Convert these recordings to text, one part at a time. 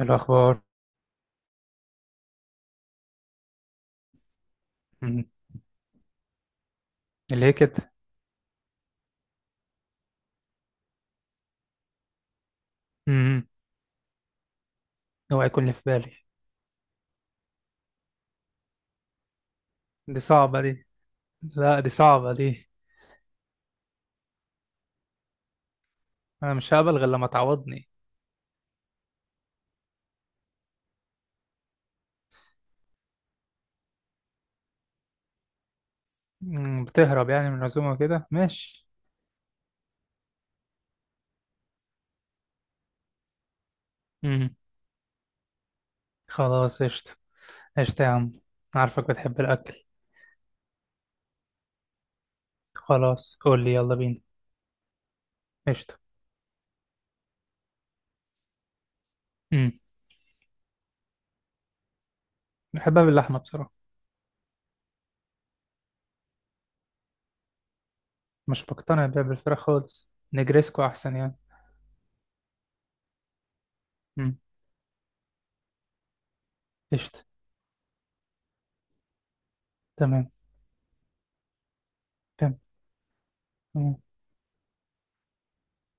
إيه الأخبار؟ مم. ليه كده؟ مم. اوعى يكون اللي في بالي. دي صعبة دي. لا، دي صعبة دي. أنا مش هقبل غير لما تعوضني. مم. بتهرب يعني من العزومة كده، ماشي. مم. خلاص، قشطة. قشطة يا عم. عارفك بتحب الأكل. خلاص قول لي، يلا بينا. قشطة. مم. بحبها باللحمة بصراحة. مش بقتنع بيها بالفراخ خالص، نجريسكو أحسن يعني. مم. قشطة. تمام. تمام. تمام.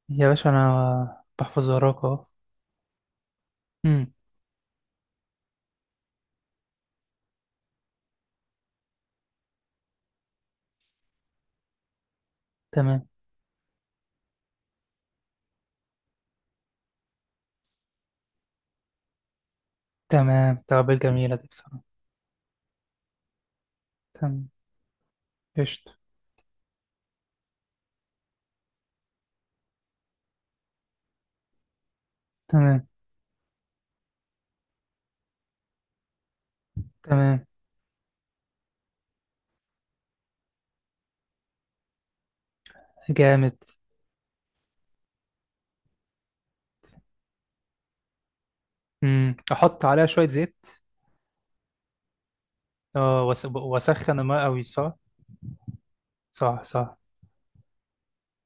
يا باشا أنا بحفظ وراك أهو. مم. تمام. تمام. توابل جميلة دي بصراحة. تمام. قشطة. تمام. تمام. جامد. احط عليها شوية زيت. اه، واسخن الماء قوي، صح؟ صح، صح.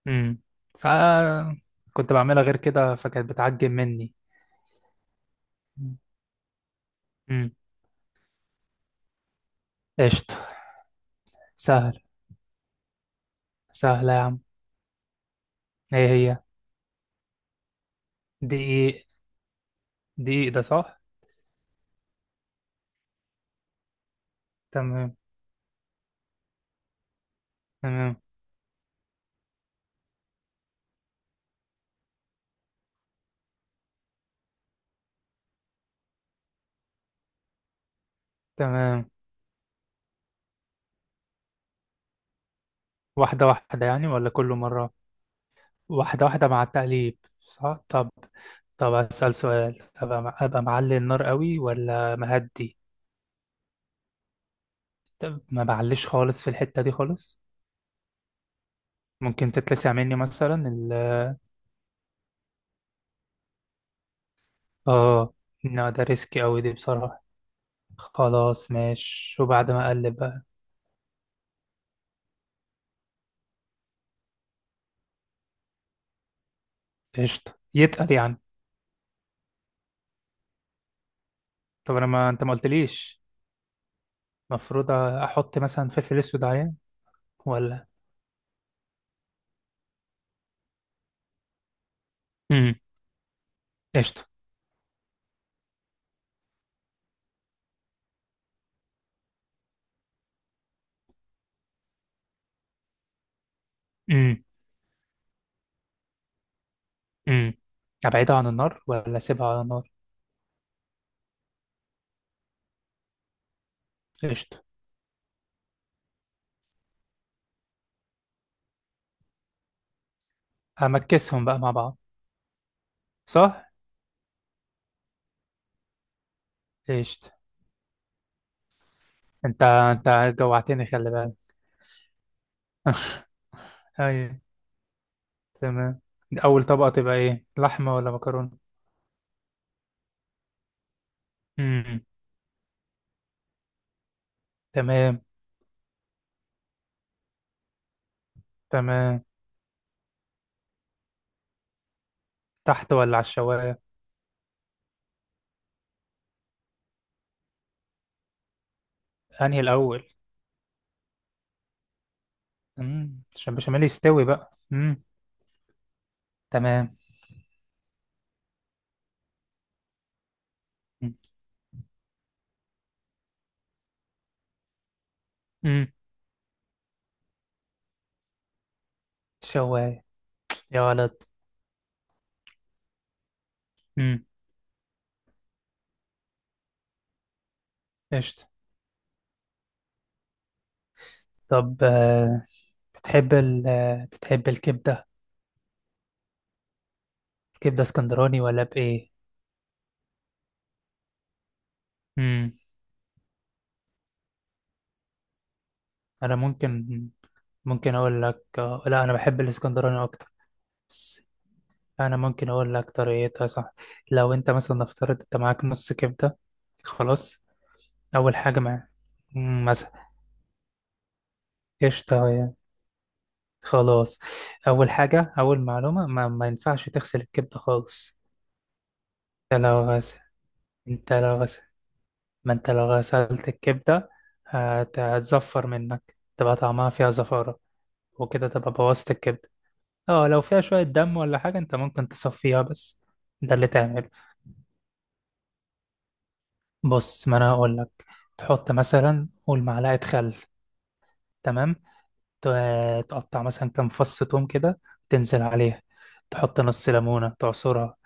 امم ساعة. كنت بعملها غير كده فكانت بتعجب مني. امم. قشطة. سهل. سهلة يا عم. ايه هي؟ دقيق. دقيق ده، صح. تمام. تمام. تمام. واحدة واحدة يعني ولا كل مرة؟ واحدة واحدة مع التقليب، صح. طب، طب أسأل سؤال، أبقى أبقى معلي النار قوي ولا مهدي؟ طب ما بعلش خالص في الحتة دي خالص. ممكن تتلسع مني مثلا ال... اه، لا ده ريسكي أوي دي بصراحة. خلاص، ماشي. وبعد ما أقلب بقى، قشطة. يتقل يعني. طب أنا، ما أنت ما قلتليش، المفروض أحط مثلا فلفل أسود عليه ولا؟ امم. قشطة. امم. امم. أبعدها عن النار ولا أسيبها على النار؟ قشطة. همكسهم بقى مع بعض. صح. قشطة. أنت أنت جوعتني، خلي بالك. أيوة. تمام. أول طبقة تبقى إيه، لحمة ولا مكرونة؟ امم. تمام. تمام. تحت ولا على الشوايه؟ انهي الاول؟ عشان البشاميل يستوي بقى. امم. تمام. امم. شوايه. يا ولد. امم. قشطه. طب، آه، بتحب ال آه، بتحب الكبده؟ الكبده اسكندراني ولا بايه؟ امم. انا ممكن... ممكن اقول لك. لا، انا بحب الاسكندراني اكتر. بس انا ممكن اقول لك طريقتها، صح. لو انت مثلا افترضت انت معاك نص كبده، خلاص. اول حاجه، مع، قشطة يعني، خلاص. أول حاجة، أول معلومة، ما ينفعش تغسل الكبدة خالص. أنت لو غسل أنت لو غسل ما أنت لو غسلت الكبدة، هتزفر منك، تبقى طعمها فيها زفارة. وكده تبقى بوظت الكبدة. اه، لو فيها شوية دم ولا حاجة أنت ممكن تصفيها بس. ده اللي تعمله. بص، ما أنا هقول لك. تحط مثلا قول معلقة خل، تمام. تقطع مثلا كام فص توم كده، تنزل عليها. تحط نص ليمونة تعصرها.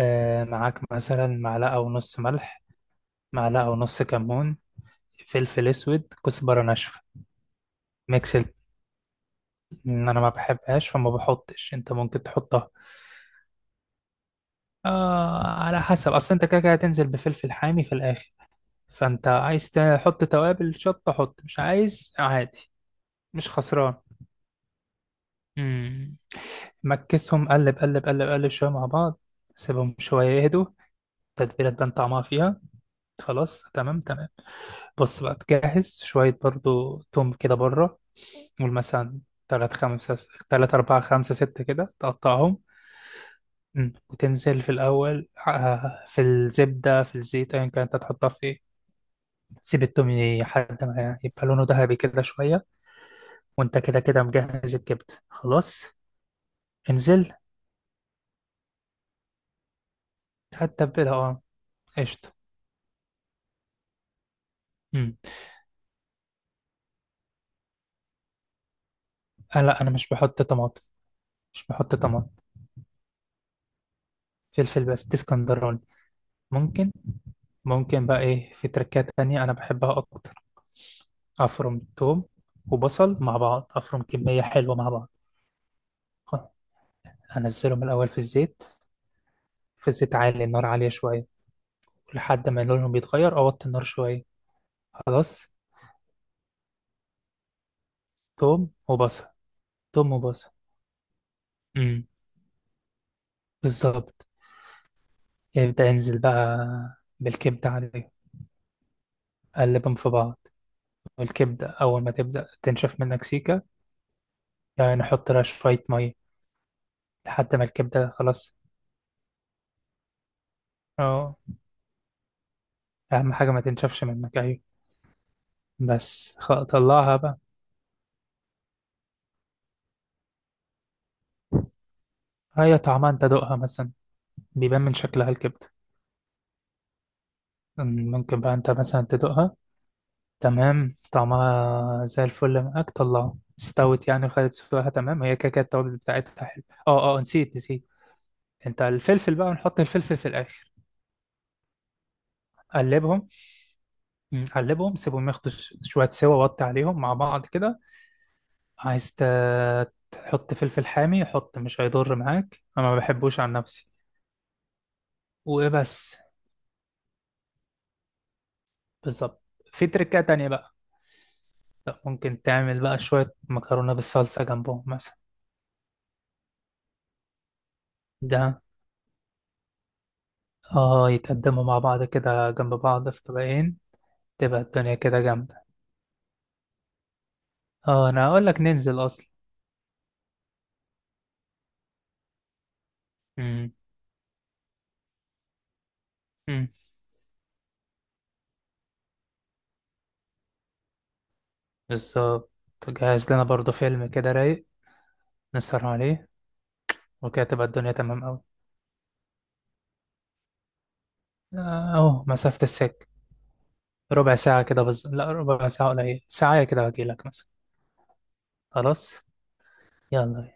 معاك مثلا معلقة ونص ملح، معلقة ونص كمون، فلفل أسود، كزبرة ناشفة. ميكس ال- إن أنا ما بحبهاش فما بحطش، أنت ممكن تحطها. آه، على حسب. أصل أنت كده كده هتنزل بفلفل حامي في الآخر. فأنت عايز تحط توابل شطة حط، مش عايز عادي. مش خسران. مم. مكسهم، قلب قلب قلب قلب شوية مع بعض. سيبهم شوية يهدوا، التتبيلة تبان طعمها فيها. خلاص، تمام، تمام. بص بقى، تجهز شوية برضو توم كده بره. قول مثلا تلات خمسة تلات أربعة خمسة ستة كده، تقطعهم. مم. وتنزل في الأول، في الزبدة، في الزيت، أيا كان أنت تحطها في إيه. سيب التوم لحد ما يبقى لونه ذهبي كده شوية. وأنت كده كده مجهز الكبدة خلاص. انزل. هتتبلها، أه. قشطة. مم. آه لا، أنا مش بحط طماطم. مش بحط طماطم. فلفل بس، دي اسكندراني. ممكن، ممكن بقى، في تركات تانية أنا بحبها أكتر. افرم توم وبصل مع بعض، افرم كميه حلوه مع بعض. خ- انزلهم الاول في الزيت، في الزيت عالي النار، عاليه شويه. لحد ما لونهم يتغير اوطي النار شويه. خلاص. توم وبصل. توم وبصل. امم. بالظبط. يبدا ينزل بقى بالكبده عليهم. قلبهم في بعض. والكبده اول ما تبدا تنشف منك، سيكه، يعني نحط لها شويه ميه لحد ما الكبده خلاص. اه. اهم حاجه ما تنشفش منك، ايوه. بس طلعها بقى. هي طعمها انت دوقها مثلا، بيبان من شكلها الكبدة. ممكن بقى انت مثلا تدوقها. تمام. طعمها زي الفل، معاك طلعها، استوت يعني وخدت سواها. تمام. هي كده كده التوابل بتاعتها حلو. اه اه، نسيت نسيت. انت الفلفل بقى، ونحط الفلفل في الاخر. قلبهم. مم، قلبهم سيبهم ياخدوا شوية سوا، وطي عليهم مع بعض كده. عايز ت- تحط فلفل حامي حط، مش هيضر معاك، انا ما بحبوش عن نفسي. وبس. بالظبط. في تركات تانية بقى ممكن تعمل بقى شوية مكرونة بالصلصة جنبهم مثلا. ده، اه، يتقدموا مع بعض كده جنب بعض في طبقين. تبقى الدنيا كده جامدة. اه، انا اقول لك ننزل اصلا. امم. امم. بالظبط. جهز لنا برضو فيلم كده رايق نسهر عليه، وكده تبقى الدنيا تمام اوي. آه، اهو مسافة السكة. ربع ساعة كده بالظبط. لا، ربع ساعة قليل، ساعة كده واجيلك مثلا. خلاص. يلا.